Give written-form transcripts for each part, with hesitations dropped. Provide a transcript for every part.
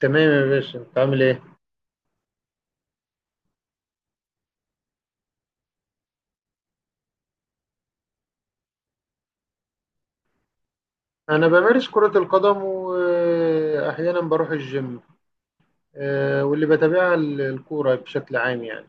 تمام يا باشا، انت عامل ايه؟ انا بمارس كرة القدم، واحيانا بروح الجيم. واللي بتابعها الكورة بشكل عام يعني.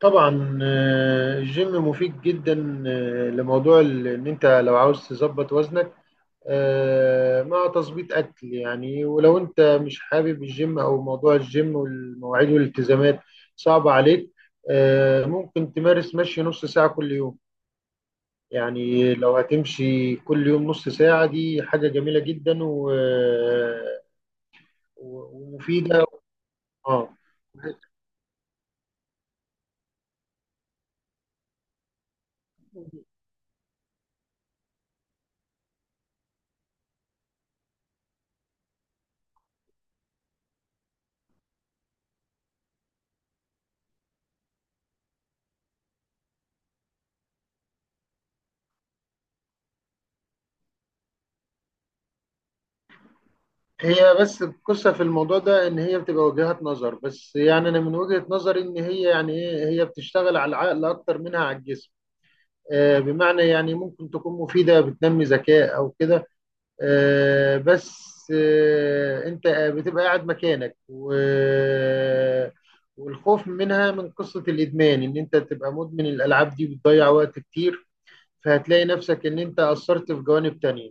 طبعا، الجيم مفيد جدا لموضوع ان انت لو عاوز تظبط وزنك، مع تظبيط اكل يعني. ولو انت مش حابب الجيم او موضوع الجيم والمواعيد والالتزامات صعبة عليك، ممكن تمارس مشي نص ساعة كل يوم. يعني لو هتمشي كل يوم نص ساعة، دي حاجة جميلة جدا ومفيدة. اه. هي بس القصة في الموضوع ده إن هي بتبقى وجهات نظر. بس يعني أنا من وجهة نظري، إن هي يعني إيه، هي بتشتغل على العقل أكتر منها على الجسم. بمعنى يعني ممكن تكون مفيدة، بتنمي ذكاء أو كده. آه، بس آه، انت بتبقى قاعد مكانك، والخوف منها من قصة الإدمان، إن أنت تبقى مدمن. الألعاب دي بتضيع وقت كتير، فهتلاقي نفسك إن أنت أثرت في جوانب تانية.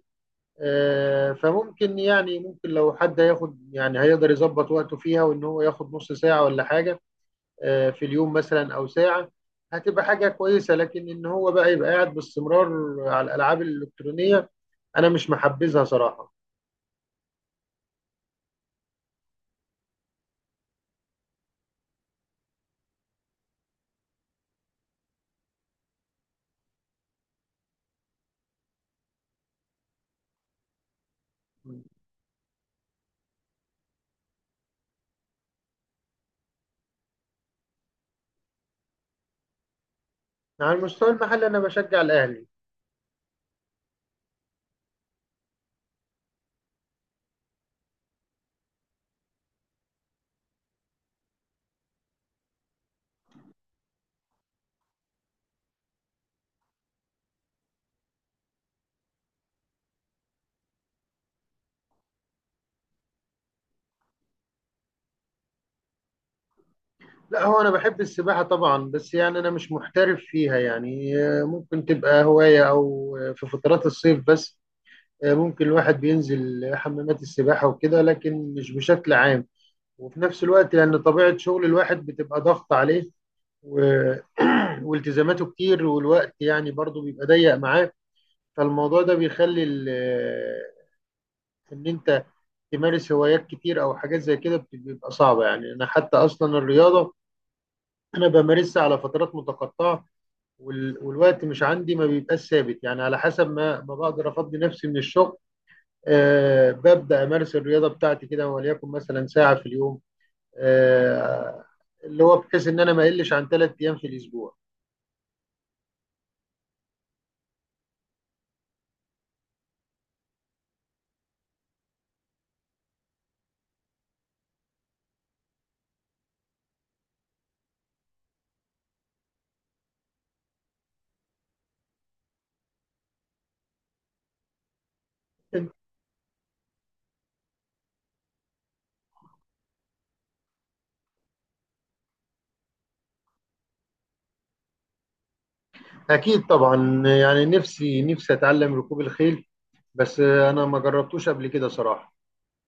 فممكن يعني، ممكن لو حد هياخد، يعني هيقدر يظبط وقته فيها، وإن هو ياخد نص ساعة ولا حاجة في اليوم مثلا أو ساعة، هتبقى حاجة كويسة. لكن إن هو بقى يبقى قاعد باستمرار على الألعاب الإلكترونية، أنا مش محبذها صراحة. على المستوى المحلي، انا بشجع الاهلي. لا، هو انا بحب السباحه طبعا، بس يعني انا مش محترف فيها. يعني ممكن تبقى هوايه، او في فترات الصيف بس. ممكن الواحد بينزل حمامات السباحه وكده، لكن مش بشكل عام. وفي نفس الوقت، لان طبيعه شغل الواحد بتبقى ضغط عليه و... والتزاماته كتير، والوقت يعني برضو بيبقى ضيق معاه. فالموضوع ده بيخلي ان انت تمارس هوايات كتير او حاجات زي كده بيبقى صعبة. يعني انا حتى اصلا الرياضة، انا بمارسها على فترات متقطعه، والوقت مش عندي، ما بيبقاش ثابت. يعني على حسب ما بقدر افضي نفسي من الشغل، أه ببدا امارس الرياضه بتاعتي كده، وليكن مثلا ساعه في اليوم. أه، اللي هو بحيث ان انا ما اقلش عن ثلاث ايام في الاسبوع. اكيد طبعا. يعني نفسي اتعلم ركوب الخيل، بس انا ما جربتوش قبل كده صراحه.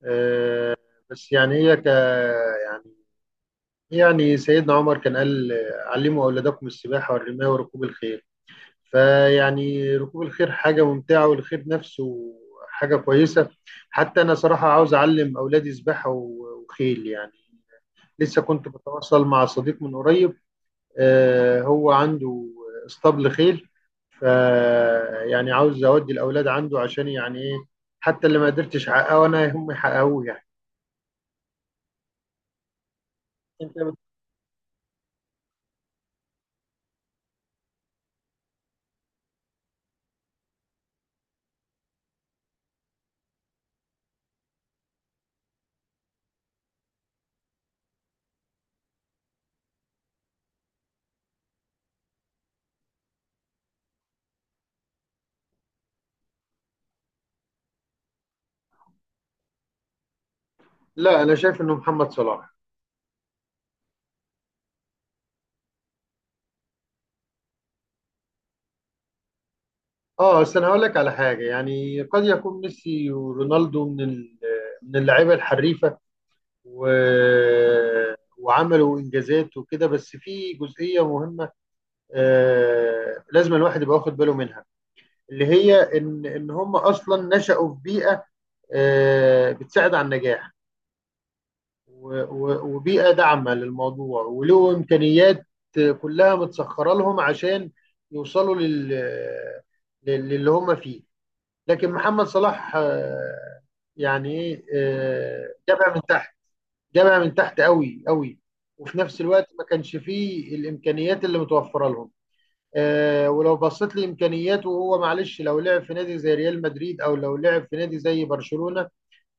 أه. بس يعني هي ك يعني يعني سيدنا عمر كان قال، علموا اولادكم السباحه والرمايه وركوب الخيل. فيعني ركوب الخيل حاجة ممتعة، والخيل نفسه حاجة كويسة. حتى أنا صراحة عاوز أعلم أولادي سباحة وخيل يعني. لسه كنت بتواصل مع صديق من قريب، هو عنده اسطبل خيل، ف يعني عاوز أودي الأولاد عنده، عشان يعني إيه، حتى اللي ما قدرتش أحققه أنا، هم يحققوه يعني. أنت بت- لا، أنا شايف إنه محمد صلاح. اه، بس انا هقول لك على حاجه، يعني قد يكون ميسي ورونالدو من من اللعيبه الحريفه، و... وعملوا انجازات وكده. بس في جزئيه مهمه لازم الواحد يبقى واخد باله منها، اللي هي ان هم اصلا نشأوا في بيئه بتساعد على النجاح، وبيئه داعمه للموضوع، وله امكانيات كلها متسخره لهم عشان يوصلوا للي هم فيه. لكن محمد صلاح، آه، يعني ايه آه، جابها من تحت، جامع من تحت قوي قوي. وفي نفس الوقت ما كانش فيه الامكانيات اللي متوفره لهم. ولو بصيت لامكانياته، وهو معلش لو لعب في نادي زي ريال مدريد او لو لعب في نادي زي برشلونه،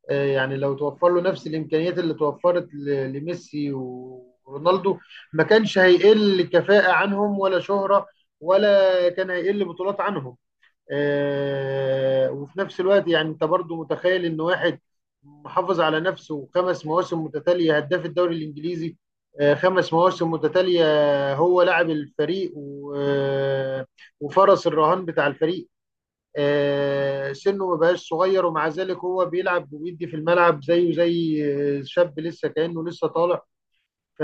يعني لو توفر له نفس الامكانيات اللي توفرت لميسي ورونالدو، ما كانش هيقل كفاءه عنهم ولا شهره، ولا كان هيقل بطولات عنهم. وفي نفس الوقت، يعني انت برضو متخيل ان واحد محافظ على نفسه خمس مواسم متتاليه هداف الدوري الانجليزي؟ خمس مواسم متتاليه، هو لاعب الفريق وفرس الرهان بتاع الفريق. سنه ما بقاش صغير، ومع ذلك هو بيلعب وبيدي في الملعب زيه زي شاب لسه، كانه لسه طالع. ف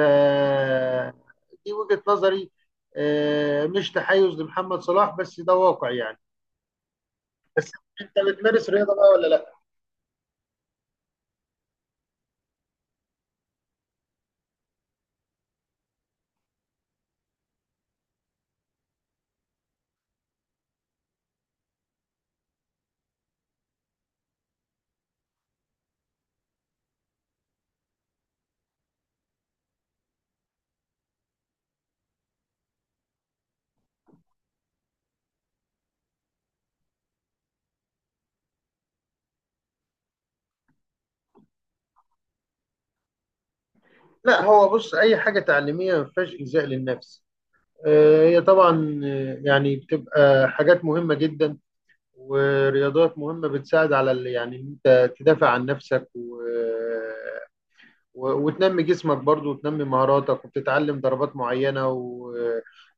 دي وجهه نظري، مش تحيز لمحمد صلاح، بس ده واقع يعني. بس انت بتمارس رياضه بقى ولا لا؟ لا، هو بص، اي حاجه تعليميه ما فيهاش ايذاء للنفس. هي طبعا يعني بتبقى حاجات مهمه جدا، ورياضات مهمه بتساعد على يعني ان انت تدافع عن نفسك وتنمي جسمك برضو، وتنمي مهاراتك، وبتتعلم ضربات معينة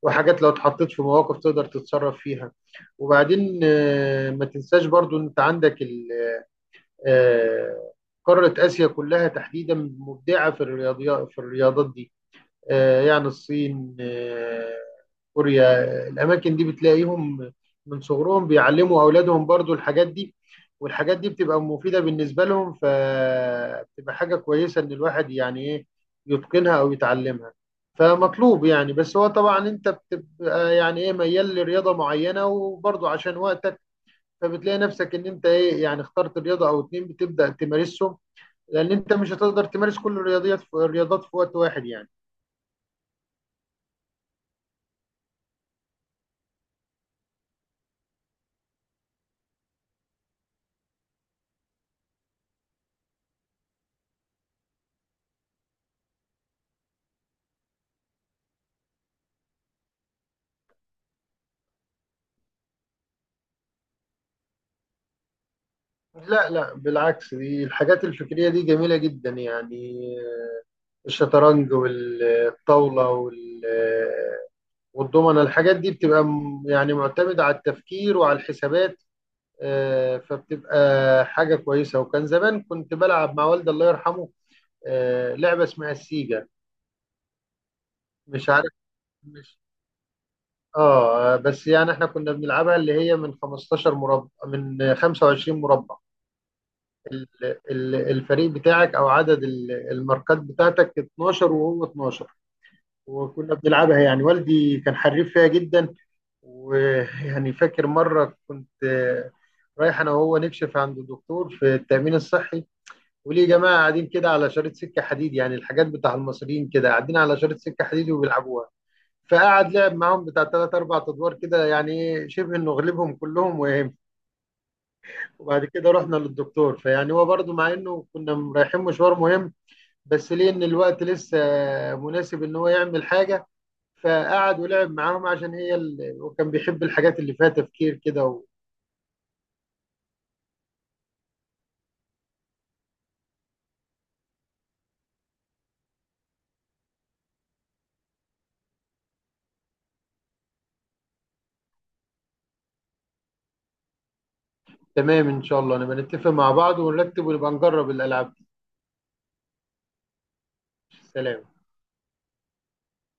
وحاجات لو اتحطيت في مواقف تقدر تتصرف فيها. وبعدين ما تنساش برضو ان انت عندك آه، قارة آسيا كلها تحديدا مبدعة في الرياضيات في الرياضات دي. يعني الصين، كوريا، الأماكن دي بتلاقيهم من صغرهم بيعلموا أولادهم برضو الحاجات دي. والحاجات دي بتبقى مفيدة بالنسبة لهم، فبتبقى حاجة كويسة إن الواحد يعني إيه يتقنها أو يتعلمها. فمطلوب يعني. بس هو طبعا، أنت بتبقى يعني إيه ميال لرياضة معينة، وبرضو عشان وقتك، فبتلاقي نفسك ان انت ايه، يعني اخترت رياضه او اتنين بتبدا تمارسهم، لان انت مش هتقدر تمارس كل الرياضيات في الرياضات في وقت واحد يعني. لا بالعكس، دي الحاجات الفكريه دي جميله جدا يعني. الشطرنج والطاوله والضمنه، الحاجات دي بتبقى يعني معتمده على التفكير وعلى الحسابات. فبتبقى حاجه كويسه. وكان زمان كنت بلعب مع والدي الله يرحمه لعبه اسمها السيجا. مش عارف. مش اه، بس يعني احنا كنا بنلعبها، اللي هي من 15 مربع من 25 مربع. الفريق بتاعك او عدد الماركات بتاعتك 12 وهو 12. وكنا بنلعبها، يعني والدي كان حريف فيها جدا. ويعني فاكر مرة كنت رايح انا وهو نكشف عند الدكتور في التأمين الصحي، وليه جماعة قاعدين كده على شريط سكة حديد. يعني الحاجات بتاع المصريين كده، قاعدين على شريط سكة حديد وبيلعبوها. فقعد لعب معاهم بتاع تلات أربع أدوار كده، يعني إيه، شبه إنه غلبهم كلهم وهم. وبعد كده رحنا للدكتور، فيعني هو برضه مع إنه كنا رايحين مشوار مهم، بس ليه إن الوقت لسه مناسب إن هو يعمل حاجة. فقعد ولعب معاهم، عشان هي وكان بيحب الحاجات اللي فيها تفكير كده تمام، إن شاء الله نبقى نتفق مع بعض ونرتب ونبقى نجرب الألعاب دي. سلام.